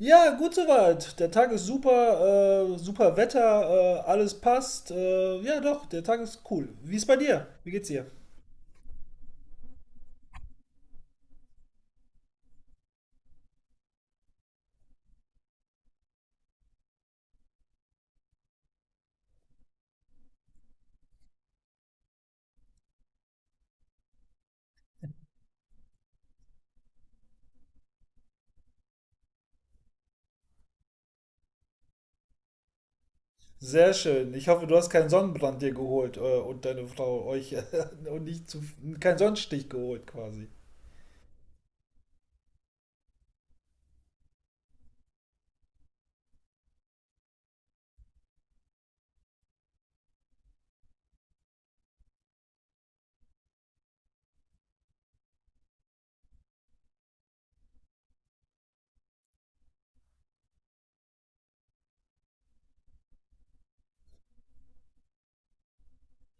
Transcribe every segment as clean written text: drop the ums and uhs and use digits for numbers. Ja, gut soweit. Der Tag ist super, super Wetter, alles passt. Ja, doch, der Tag ist cool. Wie ist bei dir? Wie geht's dir? Sehr schön. Ich hoffe, du hast keinen Sonnenbrand dir geholt und deine Frau euch und nicht zu, keinen Sonnenstich geholt quasi.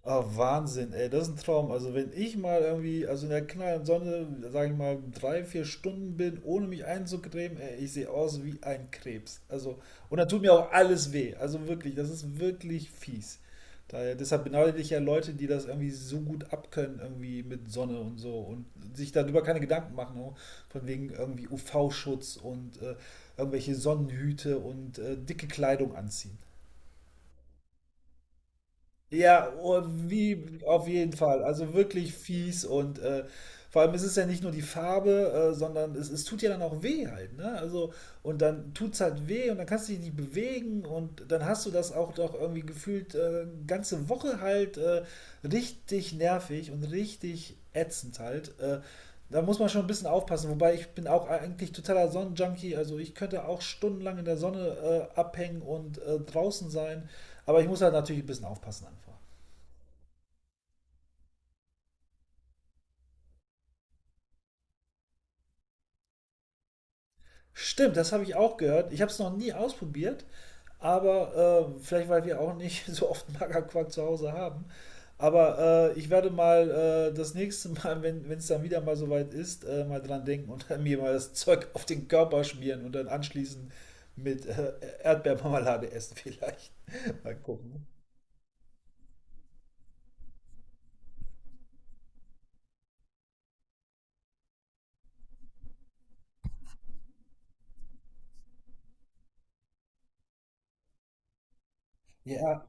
Ah, Wahnsinn, ey, das ist ein Traum. Also wenn ich mal irgendwie, also in der knallen Sonne, sage ich mal, drei, vier Stunden bin, ohne mich einzucremen, ey, ich sehe aus wie ein Krebs. Also, und da tut mir auch alles weh. Also wirklich, das ist wirklich fies. Deshalb beneide ich ja Leute, die das irgendwie so gut abkönnen, irgendwie mit Sonne und so und sich darüber keine Gedanken machen, ne? Von wegen irgendwie UV-Schutz und irgendwelche Sonnenhüte und dicke Kleidung anziehen. Ja, oh, wie auf jeden Fall. Also wirklich fies und vor allem ist es ja nicht nur die Farbe, sondern es tut ja dann auch weh halt, ne? Also und dann tut's halt weh und dann kannst du dich nicht bewegen und dann hast du das auch doch irgendwie gefühlt ganze Woche halt richtig nervig und richtig ätzend halt. Da muss man schon ein bisschen aufpassen. Wobei ich bin auch eigentlich totaler Sonnenjunkie. Also ich könnte auch stundenlang in der Sonne abhängen und draußen sein. Aber ich muss halt natürlich ein bisschen aufpassen einfach. Stimmt, das habe ich auch gehört. Ich habe es noch nie ausprobiert, aber vielleicht, weil wir auch nicht so oft Magerquark zu Hause haben. Aber ich werde mal das nächste Mal, wenn es dann wieder mal soweit ist, mal dran denken und mir mal das Zeug auf den Körper schmieren und dann anschließend mit Erdbeermarmelade essen vielleicht. Mal gucken. Ja,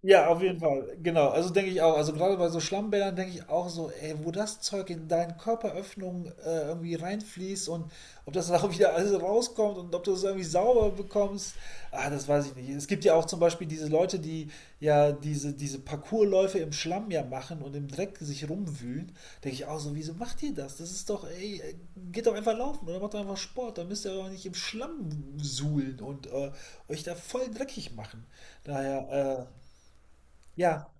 ja, auf jeden Fall. Genau. Also denke ich auch. Also gerade bei so Schlammbädern denke ich auch so, ey, wo das Zeug in deinen Körperöffnungen irgendwie reinfließt und ob das dann auch wieder alles rauskommt und ob du es irgendwie sauber bekommst, ah, das weiß ich nicht. Es gibt ja auch zum Beispiel diese Leute, die ja diese Parkourläufe im Schlamm ja machen und im Dreck sich rumwühlen. Denke ich auch so, wieso macht ihr das? Das ist doch, ey, geht doch einfach laufen oder macht doch einfach Sport. Dann müsst ihr doch nicht im Schlamm suhlen und euch da voll dreckig machen. Daher, äh, ja,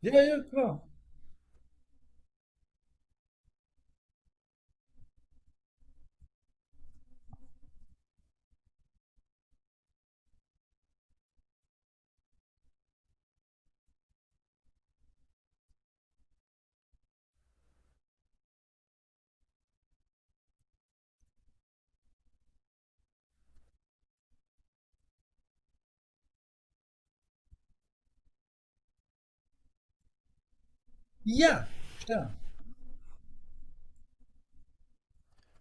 ja, ja, klar. Ja, klar.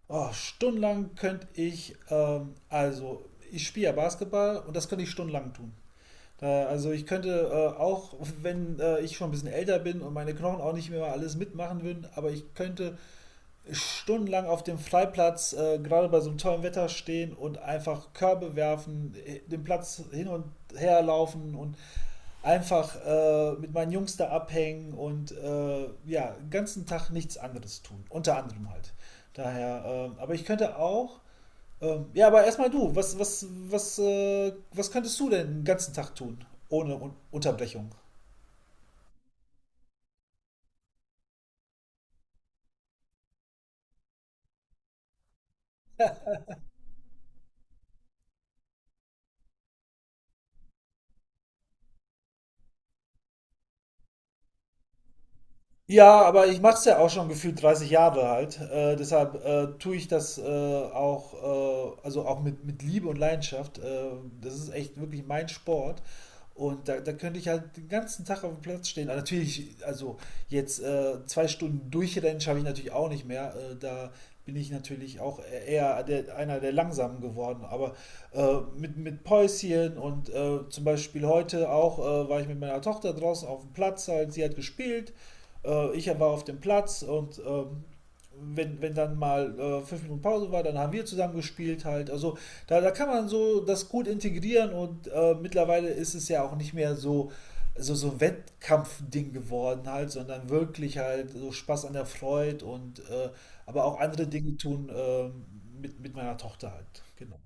Oh, stundenlang könnte ich, also ich spiele ja Basketball und das könnte ich stundenlang tun. Also ich könnte auch, wenn ich schon ein bisschen älter bin und meine Knochen auch nicht mehr alles mitmachen würden, aber ich könnte stundenlang auf dem Freiplatz, gerade bei so einem tollen Wetter stehen und einfach Körbe werfen, den Platz hin und her laufen und einfach mit meinen Jungs da abhängen und ja, den ganzen Tag nichts anderes tun. Unter anderem halt. Aber ich könnte auch. Ja, aber erstmal du, was könntest du denn den ganzen Tag tun? Ohne Un Unterbrechung. Ja, aber ich mache es ja auch schon gefühlt 30 Jahre halt. Deshalb tue ich das auch, also auch mit Liebe und Leidenschaft. Das ist echt wirklich mein Sport. Und da könnte ich halt den ganzen Tag auf dem Platz stehen. Aber natürlich, also jetzt zwei Stunden durchrennen schaffe ich natürlich auch nicht mehr. Da bin ich natürlich auch eher einer der Langsamen geworden. Aber mit Päuschen und zum Beispiel heute auch war ich mit meiner Tochter draußen auf dem Platz, halt, sie hat gespielt. Ich war auf dem Platz und wenn dann mal fünf Minuten Pause war, dann haben wir zusammen gespielt halt. Also da kann man so das gut integrieren und mittlerweile ist es ja auch nicht mehr so ein Wettkampfding geworden halt, sondern wirklich halt so Spaß an der Freude und aber auch andere Dinge tun mit meiner Tochter halt. Genau.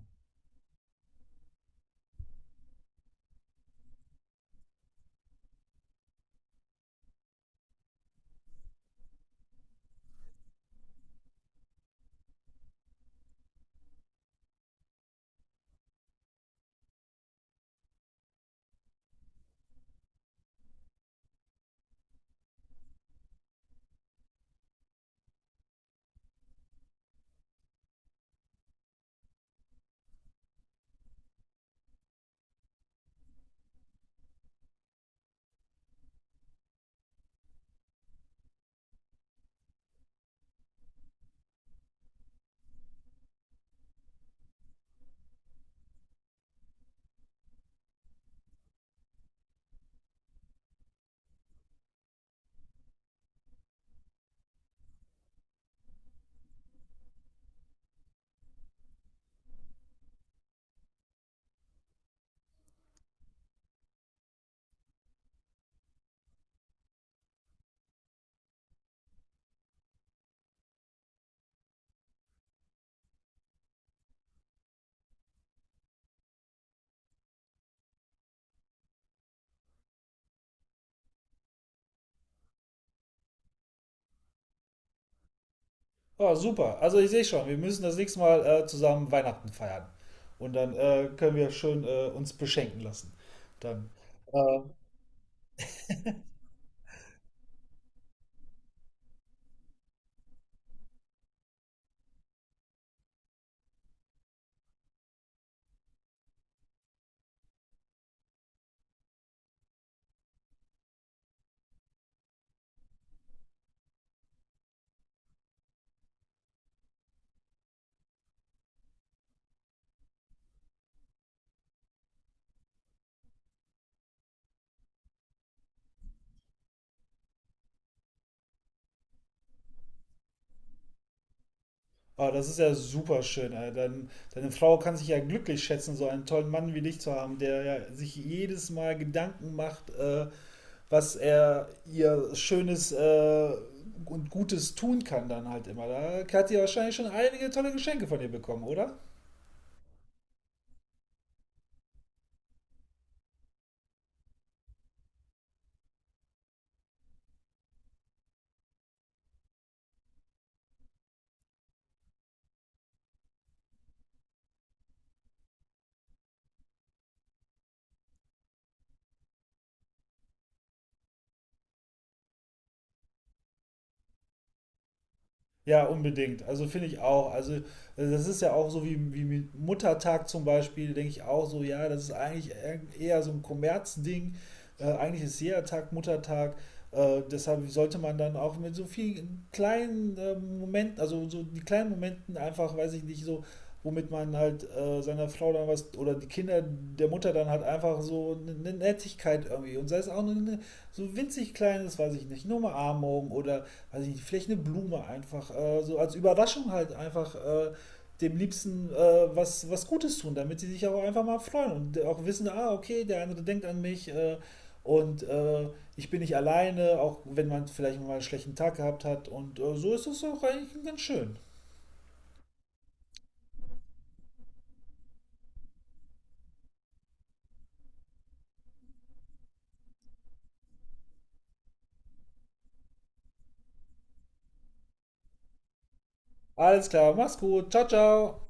Oh, super. Also ich sehe schon, wir müssen das nächste Mal zusammen Weihnachten feiern. Und dann können wir schön uns beschenken lassen. Dann. Äh, oh, das ist ja super schön. Deine Frau kann sich ja glücklich schätzen, so einen tollen Mann wie dich zu haben, der ja sich jedes Mal Gedanken macht, was er ihr Schönes und Gutes tun kann dann halt immer. Da hat sie wahrscheinlich schon einige tolle Geschenke von dir bekommen, oder? Ja, unbedingt. Also finde ich auch. Also das ist ja auch so wie mit Muttertag zum Beispiel, denke ich auch so, ja, das ist eigentlich eher so ein Kommerzding. Eigentlich ist jeder Tag Muttertag. Deshalb sollte man dann auch mit so vielen kleinen Momenten, also so die kleinen Momenten einfach, weiß ich nicht, so womit man halt seiner Frau dann was oder die Kinder der Mutter dann halt einfach so eine Nettigkeit irgendwie und sei es auch nur eine, so winzig kleines, weiß ich nicht, nur eine Umarmung oder weiß ich nicht, vielleicht eine Blume einfach so als Überraschung halt einfach dem Liebsten was Gutes tun, damit sie sich auch einfach mal freuen und auch wissen, ah, okay, der andere denkt an mich und ich bin nicht alleine, auch wenn man vielleicht mal einen schlechten Tag gehabt hat und so ist es auch eigentlich ganz schön. Alles klar, mach's gut, ciao, ciao.